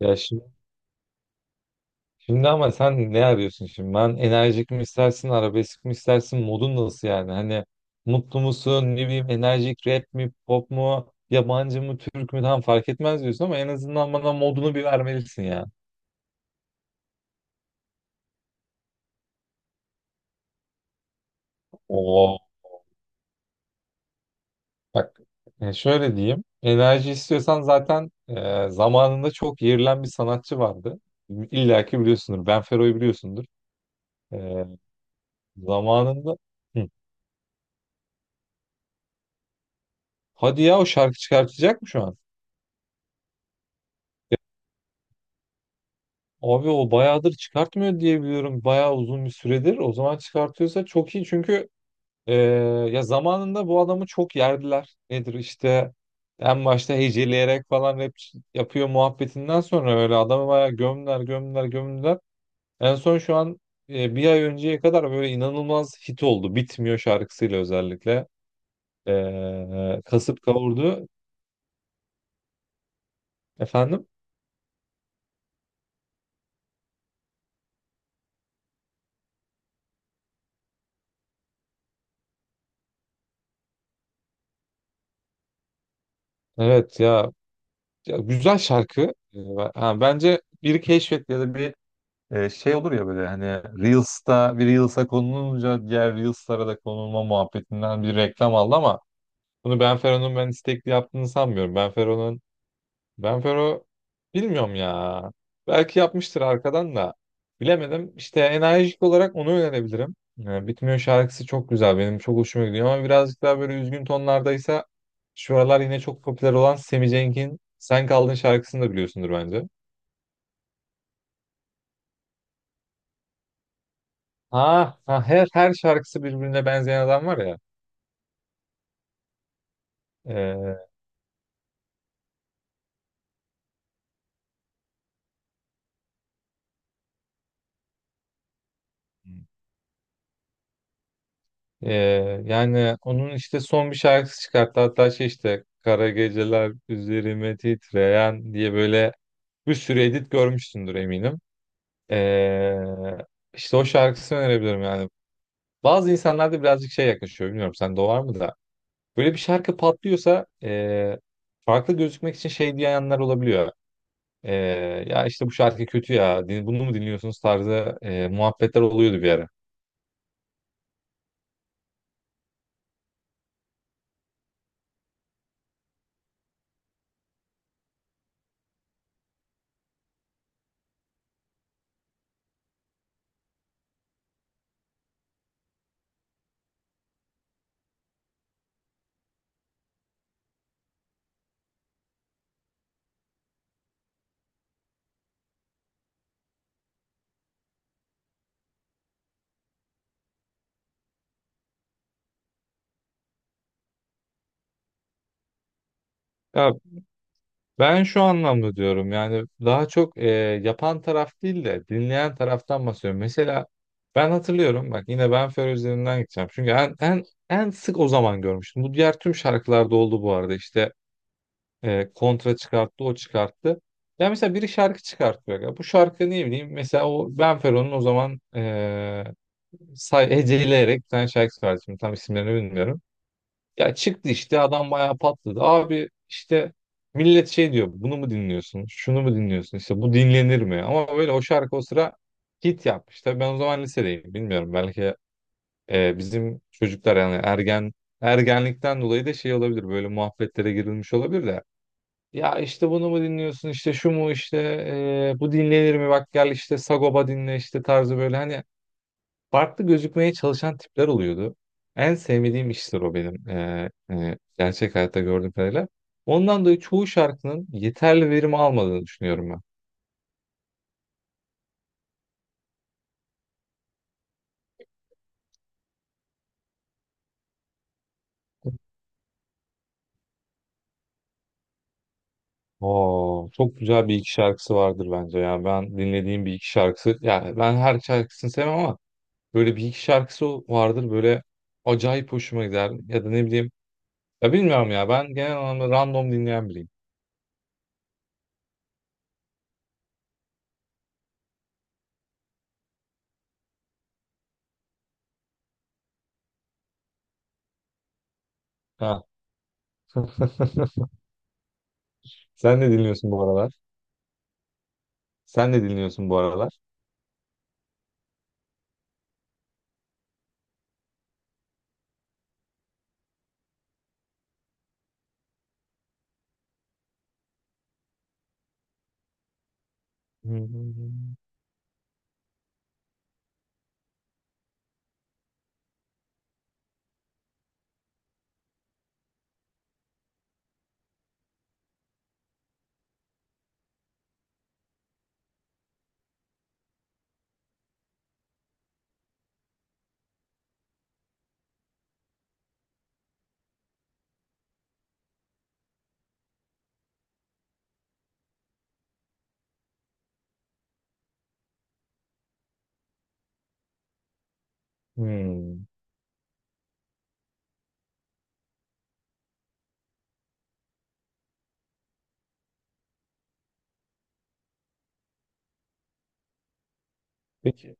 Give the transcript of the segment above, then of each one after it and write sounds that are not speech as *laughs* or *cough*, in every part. Ya şimdi, şimdi ama sen ne arıyorsun şimdi? Ben enerjik mi istersin, arabesk mi istersin, modun nasıl yani? Hani mutlu musun, ne bileyim enerjik rap mi, pop mu, yabancı mı, Türk mü tam fark etmez diyorsun ama en azından bana modunu bir vermelisin ya. Oo. Bak şöyle diyeyim. Enerji istiyorsan zaten zamanında çok yerilen bir sanatçı vardı. İlla ki biliyorsundur. Ben Fero'yu biliyorsundur. E, zamanında. Hı. Hadi ya o şarkı çıkartacak mı şu an? Abi o bayağıdır çıkartmıyor diye biliyorum. Bayağı uzun bir süredir. O zaman çıkartıyorsa çok iyi. Çünkü e, ya zamanında bu adamı çok yerdiler. Nedir işte en başta heceleyerek falan rap yapıyor muhabbetinden sonra öyle adamı bayağı gömdüler, gömdüler, gömdüler. En son şu an bir ay önceye kadar böyle inanılmaz hit oldu. Bitmiyor şarkısıyla özellikle. Kasıp kavurdu. Efendim? Evet ya, ya güzel şarkı. Bence biri keşfetti ya da bir. Şey olur ya böyle hani Reels'ta bir Reels'a konulunca diğer Reels'lara da konulma muhabbetinden bir reklam aldı ama bunu Benfero'nun ben istekli yaptığını sanmıyorum. Benfero'nun, Benfero, bilmiyorum ya. Belki yapmıştır arkadan da. Bilemedim. İşte enerjik olarak onu önerebilirim. Bitmiyor şarkısı çok güzel. Benim çok hoşuma gidiyor ama birazcık daha böyle üzgün tonlardaysa şu aralar yine çok popüler olan Semi Cenk'in Sen Kaldın şarkısını da biliyorsundur bence. Ha, ha her şarkısı birbirine benzeyen adam var ya. Ee, e, yani onun işte son bir şarkısı çıkarttı. Hatta şey işte Kara Geceler Üzerime Titreyen diye böyle bir sürü edit görmüşsündür eminim. Ee, işte o şarkısını önerebilirim yani. Bazı insanlarda birazcık şey yaklaşıyor. Bilmiyorum sende o var mı da. Böyle bir şarkı patlıyorsa farklı gözükmek için şey diyenler olabiliyor. E, ya işte bu şarkı kötü ya. Bunu mu dinliyorsunuz tarzı muhabbetler oluyordu bir ara. Ya, ben şu anlamda diyorum yani daha çok yapan taraf değil de dinleyen taraftan bahsediyorum. Mesela ben hatırlıyorum bak yine ben Fer üzerinden gideceğim. Çünkü en sık o zaman görmüştüm. Bu diğer tüm şarkılarda oldu bu arada işte kontra çıkarttı o çıkarttı. Ya mesela biri şarkı çıkartıyor. Ya bu şarkı ne bileyim mesela o Ben Fero'nun o zaman heceleyerek bir tane şarkı çıkarttı. Şimdi tam isimlerini bilmiyorum. Ya çıktı işte adam bayağı patladı. Abi işte millet şey diyor, bunu mu dinliyorsun? Şunu mu dinliyorsun? İşte bu dinlenir mi? Ama böyle o şarkı o sıra hit yapmış. Tabii ben o zaman lisedeyim bilmiyorum. Belki bizim çocuklar yani ergenlikten dolayı da şey olabilir. Böyle muhabbetlere girilmiş olabilir de. Ya işte bunu mu dinliyorsun? İşte şu mu işte bu dinlenir mi? Bak gel işte Sagopa dinle işte tarzı böyle hani farklı gözükmeye çalışan tipler oluyordu. En sevmediğim işler o benim gerçek hayatta gördüğüm kadarıyla. Ondan dolayı çoğu şarkının yeterli verim almadığını düşünüyorum ben. Oo, çok güzel bir iki şarkısı vardır bence ya. Ben dinlediğim bir iki şarkısı, yani ben her şarkısını sevmem ama böyle bir iki şarkısı vardır böyle acayip hoşuma gider. Ya da ne bileyim, ya bilmiyorum ya ben genel anlamda random dinleyen biriyim. Ha. *laughs* Sen ne dinliyorsun bu aralar? Sen ne dinliyorsun bu aralar? Hmm. Peki,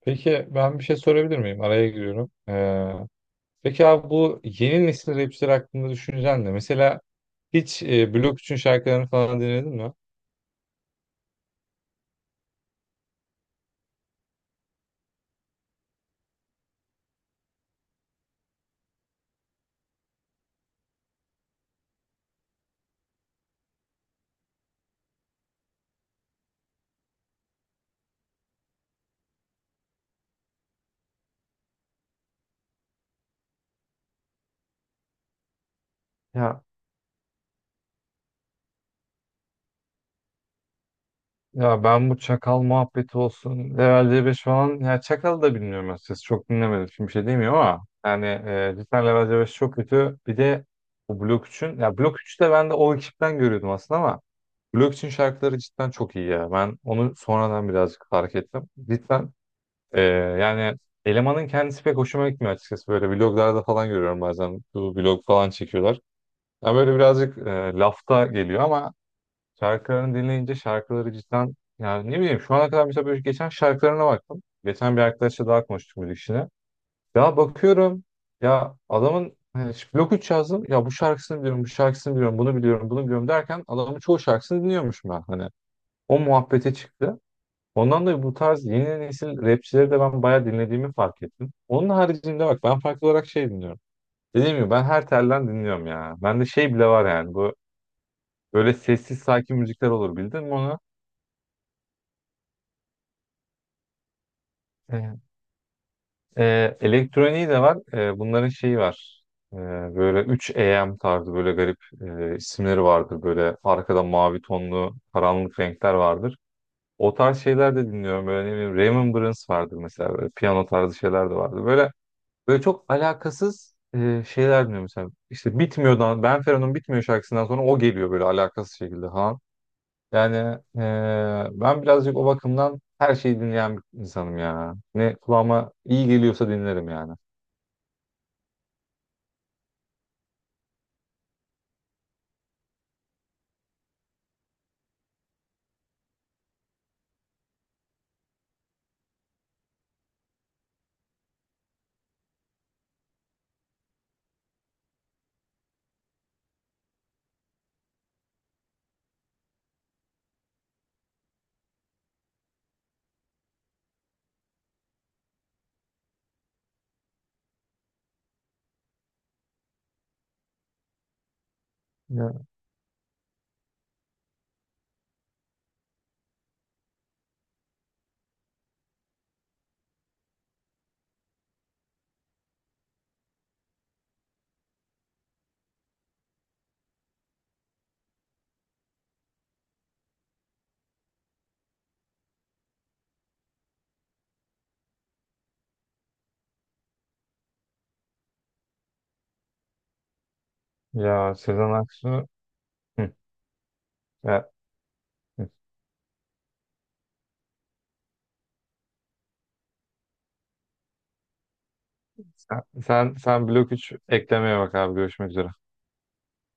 peki ben bir şey sorabilir miyim? Araya giriyorum. Peki abi bu yeni nesil rapçiler hakkında düşüncen ne? Mesela hiç Blok 3'ün şarkılarını falan dinledin mi? Ya ya ben bu çakal muhabbeti olsun. Level C5 falan. Ya çakal da bilmiyorum açıkçası. Çok dinlemedim. Şimdi bir şey demiyorum ama. Yani cidden Level C5 çok kötü. Bir de bu Blok üçün ya Blok 3'ü de ben de o ekipten görüyordum aslında ama. Blok üçün şarkıları cidden çok iyi ya. Ben onu sonradan birazcık fark ettim. Cidden. Ee, yani elemanın kendisi pek hoşuma gitmiyor açıkçası. Böyle vloglarda falan görüyorum bazen. Bu vlog falan çekiyorlar. Yani böyle birazcık lafta geliyor ama şarkılarını dinleyince şarkıları cidden yani ne bileyim şu ana kadar mesela böyle geçen şarkılarına baktım. Geçen bir arkadaşla daha konuştuk müzik işine. Ya bakıyorum, ya adamın hani şu blok 3 yazdım. Ya bu şarkısını biliyorum, bu şarkısını biliyorum, bunu biliyorum, bunu biliyorum derken adamın çoğu şarkısını dinliyormuş ben. Hani o muhabbete çıktı. Ondan dolayı bu tarz yeni nesil rapçileri de ben bayağı dinlediğimi fark ettim. Onun haricinde bak ben farklı olarak şey dinliyorum. Dediğim gibi ben her telden dinliyorum ya. Bende şey bile var yani bu böyle sessiz sakin müzikler olur bildin mi onu? Evet. Elektroniği de var. Bunların şeyi var. Ee, böyle 3AM tarzı böyle garip isimleri vardır. Böyle arkada mavi tonlu karanlık renkler vardır. O tarz şeyler de dinliyorum. Böyle ne bileyim Remembrance vardır mesela. Böyle piyano tarzı şeyler de vardır. Böyle, böyle çok alakasız şeyler dinliyorum mesela. İşte Bitmiyor'dan, Benfero'nun Bitmiyor şarkısından sonra o geliyor böyle alakasız şekilde ha. Yani e, ben birazcık o bakımdan her şeyi dinleyen bir insanım ya. Ne kulağıma iyi geliyorsa dinlerim yani. Ya, ya Sezen Aksu. Hı, ya, hı. Sen Blok 3 eklemeye bak abi. Görüşmek üzere.